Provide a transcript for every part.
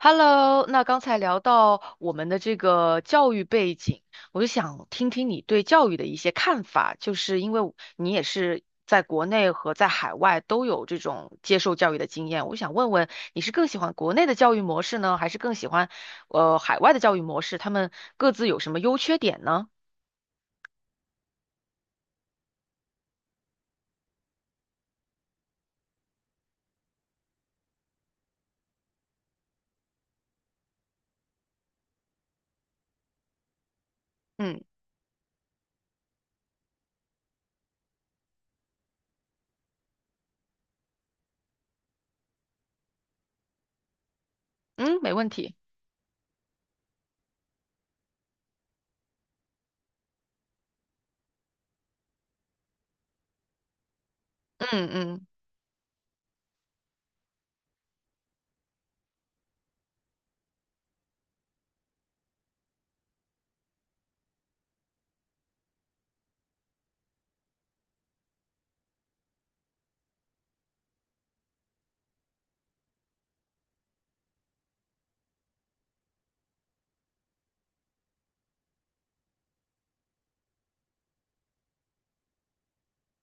Hello，那刚才聊到我们的这个教育背景，我就想听听你对教育的一些看法，就是因为我你也是在国内和在海外都有这种接受教育的经验，我想问问你是更喜欢国内的教育模式呢，还是更喜欢海外的教育模式？他们各自有什么优缺点呢？嗯嗯，没问题。嗯嗯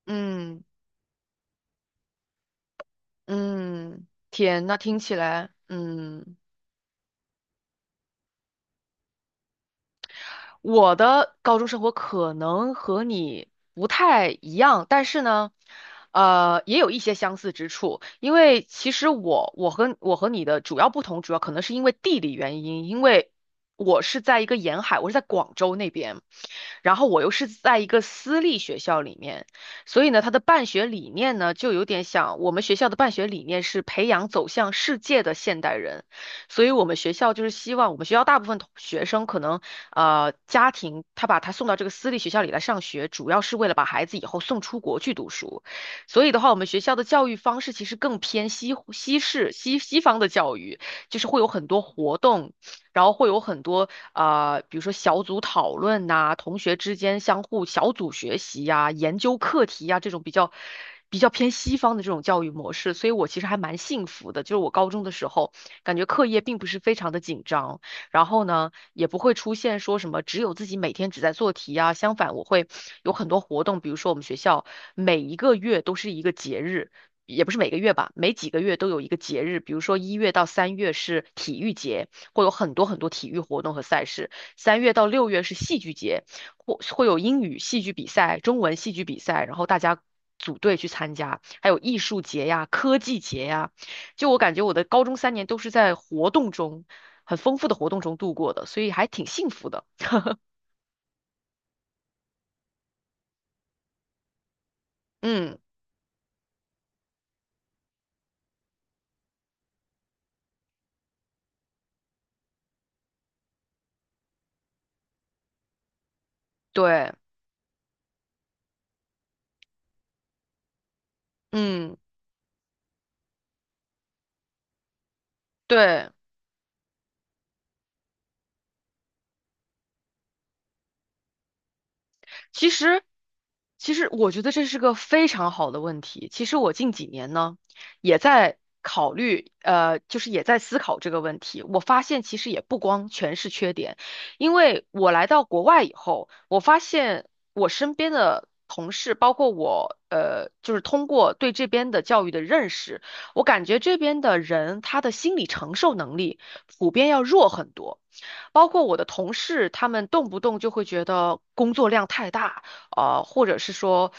嗯嗯，天，那听起来嗯。我的高中生活可能和你不太一样，但是呢，呃，也有一些相似之处。因为其实我和你的主要不同，主要可能是因为地理原因，因为我是在一个沿海，我是在广州那边，然后我又是在一个私立学校里面，所以呢，它的办学理念呢，就有点像我们学校的办学理念是培养走向世界的现代人。所以我们学校就是希望我们学校大部分同学生可能家庭他把他送到这个私立学校里来上学，主要是为了把孩子以后送出国去读书。所以的话，我们学校的教育方式其实更偏西西式西西方的教育，就是会有很多活动，然后会有很多比如说小组讨论呐、同学之间相互小组学习呀、研究课题呀、这种比较偏西方的这种教育模式。所以我其实还蛮幸福的，就是我高中的时候。感觉课业并不是非常的紧张，然后呢，也不会出现说什么只有自己每天只在做题啊，相反我会有很多活动，比如说我们学校每一个月都是一个节日。也不是每个月吧，每几个月都有一个节日，比如说1月到3月是体育节，会有很多很多体育活动和赛事；3月到6月是戏剧节，或会有英语戏剧比赛、中文戏剧比赛，然后大家组队去参加，还有艺术节呀、科技节呀、就我感觉我的高中3年都是在活动中，很丰富的活动中度过的，所以还挺幸福的。嗯，对，嗯，对。其实，其实我觉得这是个非常好的问题。其实我近几年呢，也在考虑，就是也在思考这个问题。我发现其实也不光全是缺点，因为我来到国外以后，我发现我身边的同事，包括我，就是通过对这边的教育的认识，我感觉这边的人他的心理承受能力。普遍要弱很多。包括我的同事，他们动不动就会觉得工作量太大，或者是说，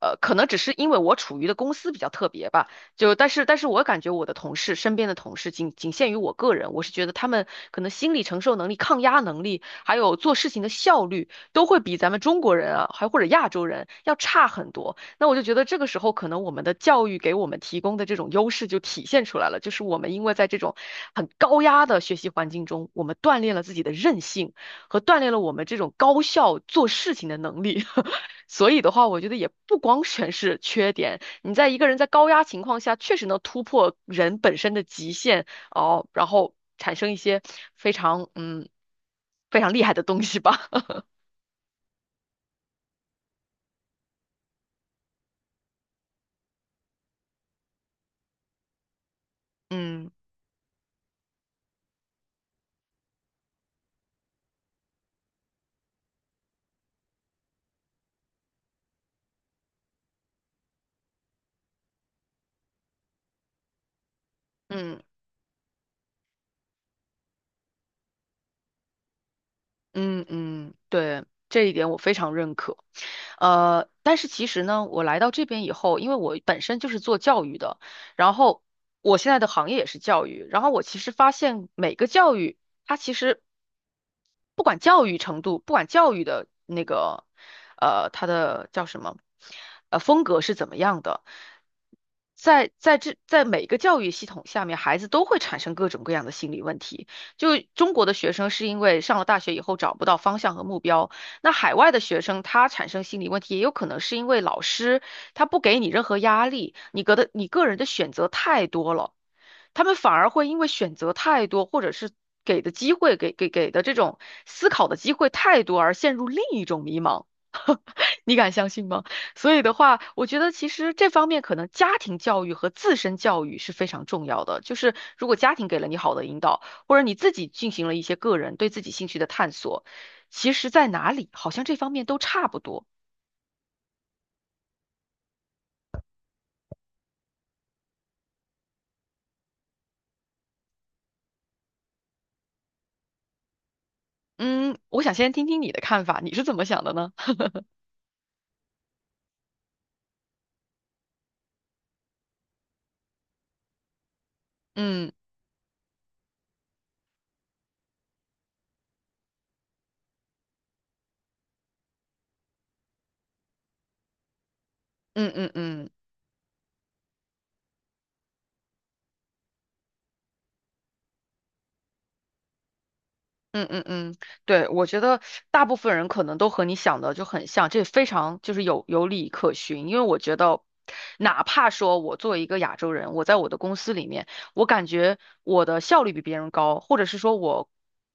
可能只是因为我处于的公司比较特别吧，就但是我感觉我的同事身边的同事仅仅限于我个人，我是觉得他们可能心理承受能力、抗压能力，还有做事情的效率，都会比咱们中国人啊，还或者亚洲人要差很多。那我就觉得这个时候，可能我们的教育给我们提供的这种优势就体现出来了，就是我们因为在这种很高压的学习环境中，我们锻炼了自己的韧性和锻炼了我们这种高效做事情的能力。所以的话，我觉得也不光全是缺点，你在一个人在高压情况下，确实能突破人本身的极限哦，然后产生一些非常非常厉害的东西吧。嗯嗯。嗯嗯，对，这一点我非常认可。但是其实呢，我来到这边以后，因为我本身就是做教育的，然后我现在的行业也是教育，然后我其实发现每个教育，它其实不管教育程度，不管教育的那个，它的叫什么，风格是怎么样的，在每个教育系统下面，孩子都会产生各种各样的心理问题。就中国的学生是因为上了大学以后找不到方向和目标，那海外的学生他产生心理问题，也有可能是因为老师他不给你任何压力，你个人的选择太多了，他们反而会因为选择太多，或者是给的机会给的这种思考的机会太多而陷入另一种迷茫。你敢相信吗？所以的话，我觉得其实这方面可能家庭教育和自身教育是非常重要的。就是如果家庭给了你好的引导，或者你自己进行了一些个人对自己兴趣的探索，其实在哪里好像这方面都差不多。嗯，我想先听听你的看法，你是怎么想的呢？嗯嗯嗯嗯。嗯嗯嗯，对，我觉得大部分人可能都和你想的就很像，这非常就是有理可循。因为我觉得，哪怕说我作为一个亚洲人，我在我的公司里面，我感觉我的效率比别人高，或者是说我，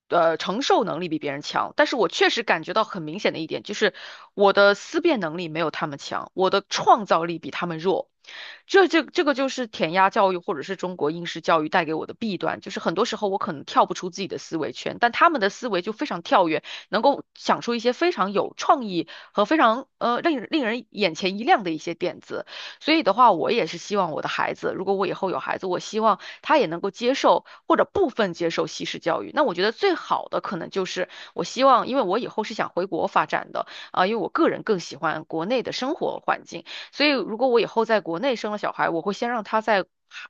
承受能力比别人强。但是我确实感觉到很明显的一点就是，我的思辨能力没有他们强，我的创造力比他们弱。这个就是填鸭教育或者是中国应试教育带给我的弊端，就是很多时候我可能跳不出自己的思维圈，但他们的思维就非常跳跃，能够想出一些非常有创意和非常令人眼前一亮的一些点子。所以的话，我也是希望我的孩子，如果我以后有孩子，我希望。他也能够接受或者部分接受西式教育。那我觉得最好的可能就是我希望，因为我以后是想回国发展的啊，因为我个人更喜欢国内的生活环境，所以如果我以后在国内生了小孩，我会先让他在。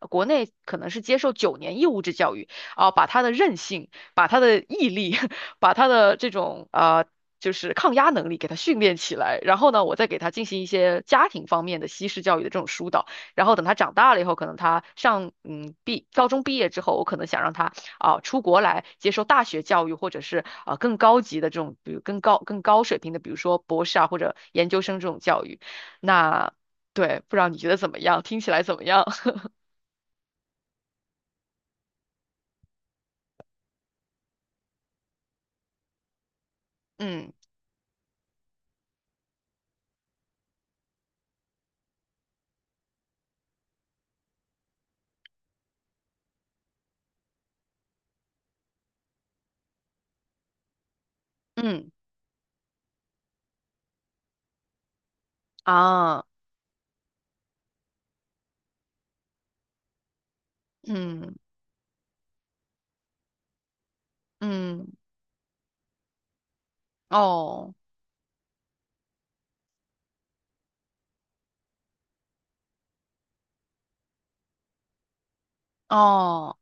国内可能是接受9年义务制教育啊，把他的韧性、把他的毅力、把他的这种啊、就是抗压能力给他训练起来，然后呢，我再给他进行一些家庭方面的西式教育的这种疏导。然后等他长大了以后，可能他上高中毕业之后，我可能想让他啊、出国来接受大学教育，或者是啊、更高级的这种，比如更高水平的，比如说博士啊或者研究生这种教育。那对，不知道你觉得怎么样？听起来怎么样？嗯嗯啊嗯嗯哦哦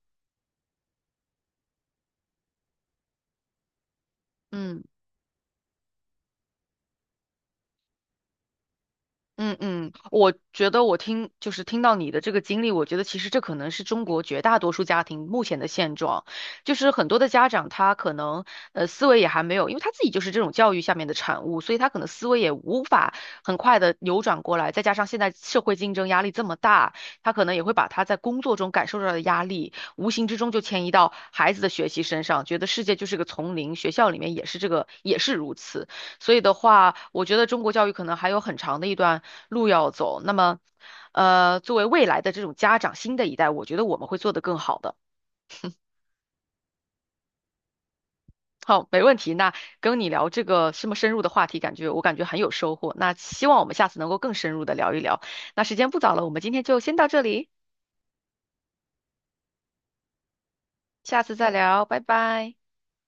嗯。嗯嗯，我觉得我听就是听到你的这个经历，我觉得其实这可能是中国绝大多数家庭目前的现状，就是很多的家长他可能思维也还没有，因为他自己就是这种教育下面的产物，所以他可能思维也无法很快的扭转过来，再加上现在社会竞争压力这么大，他可能也会把他在工作中感受到的压力，无形之中就迁移到孩子的学习身上，觉得世界就是个丛林，学校里面也是这个，也是如此。所以的话，我觉得中国教育可能还有很长的一段路要走。那么，作为未来的这种家长，新的一代，我觉得我们会做得更好的。好，没问题。那跟你聊这个这么深入的话题，感觉我感觉很有收获。那希望我们下次能够更深入的聊一聊。那时间不早了，我们今天就先到这里，下次再聊，拜拜。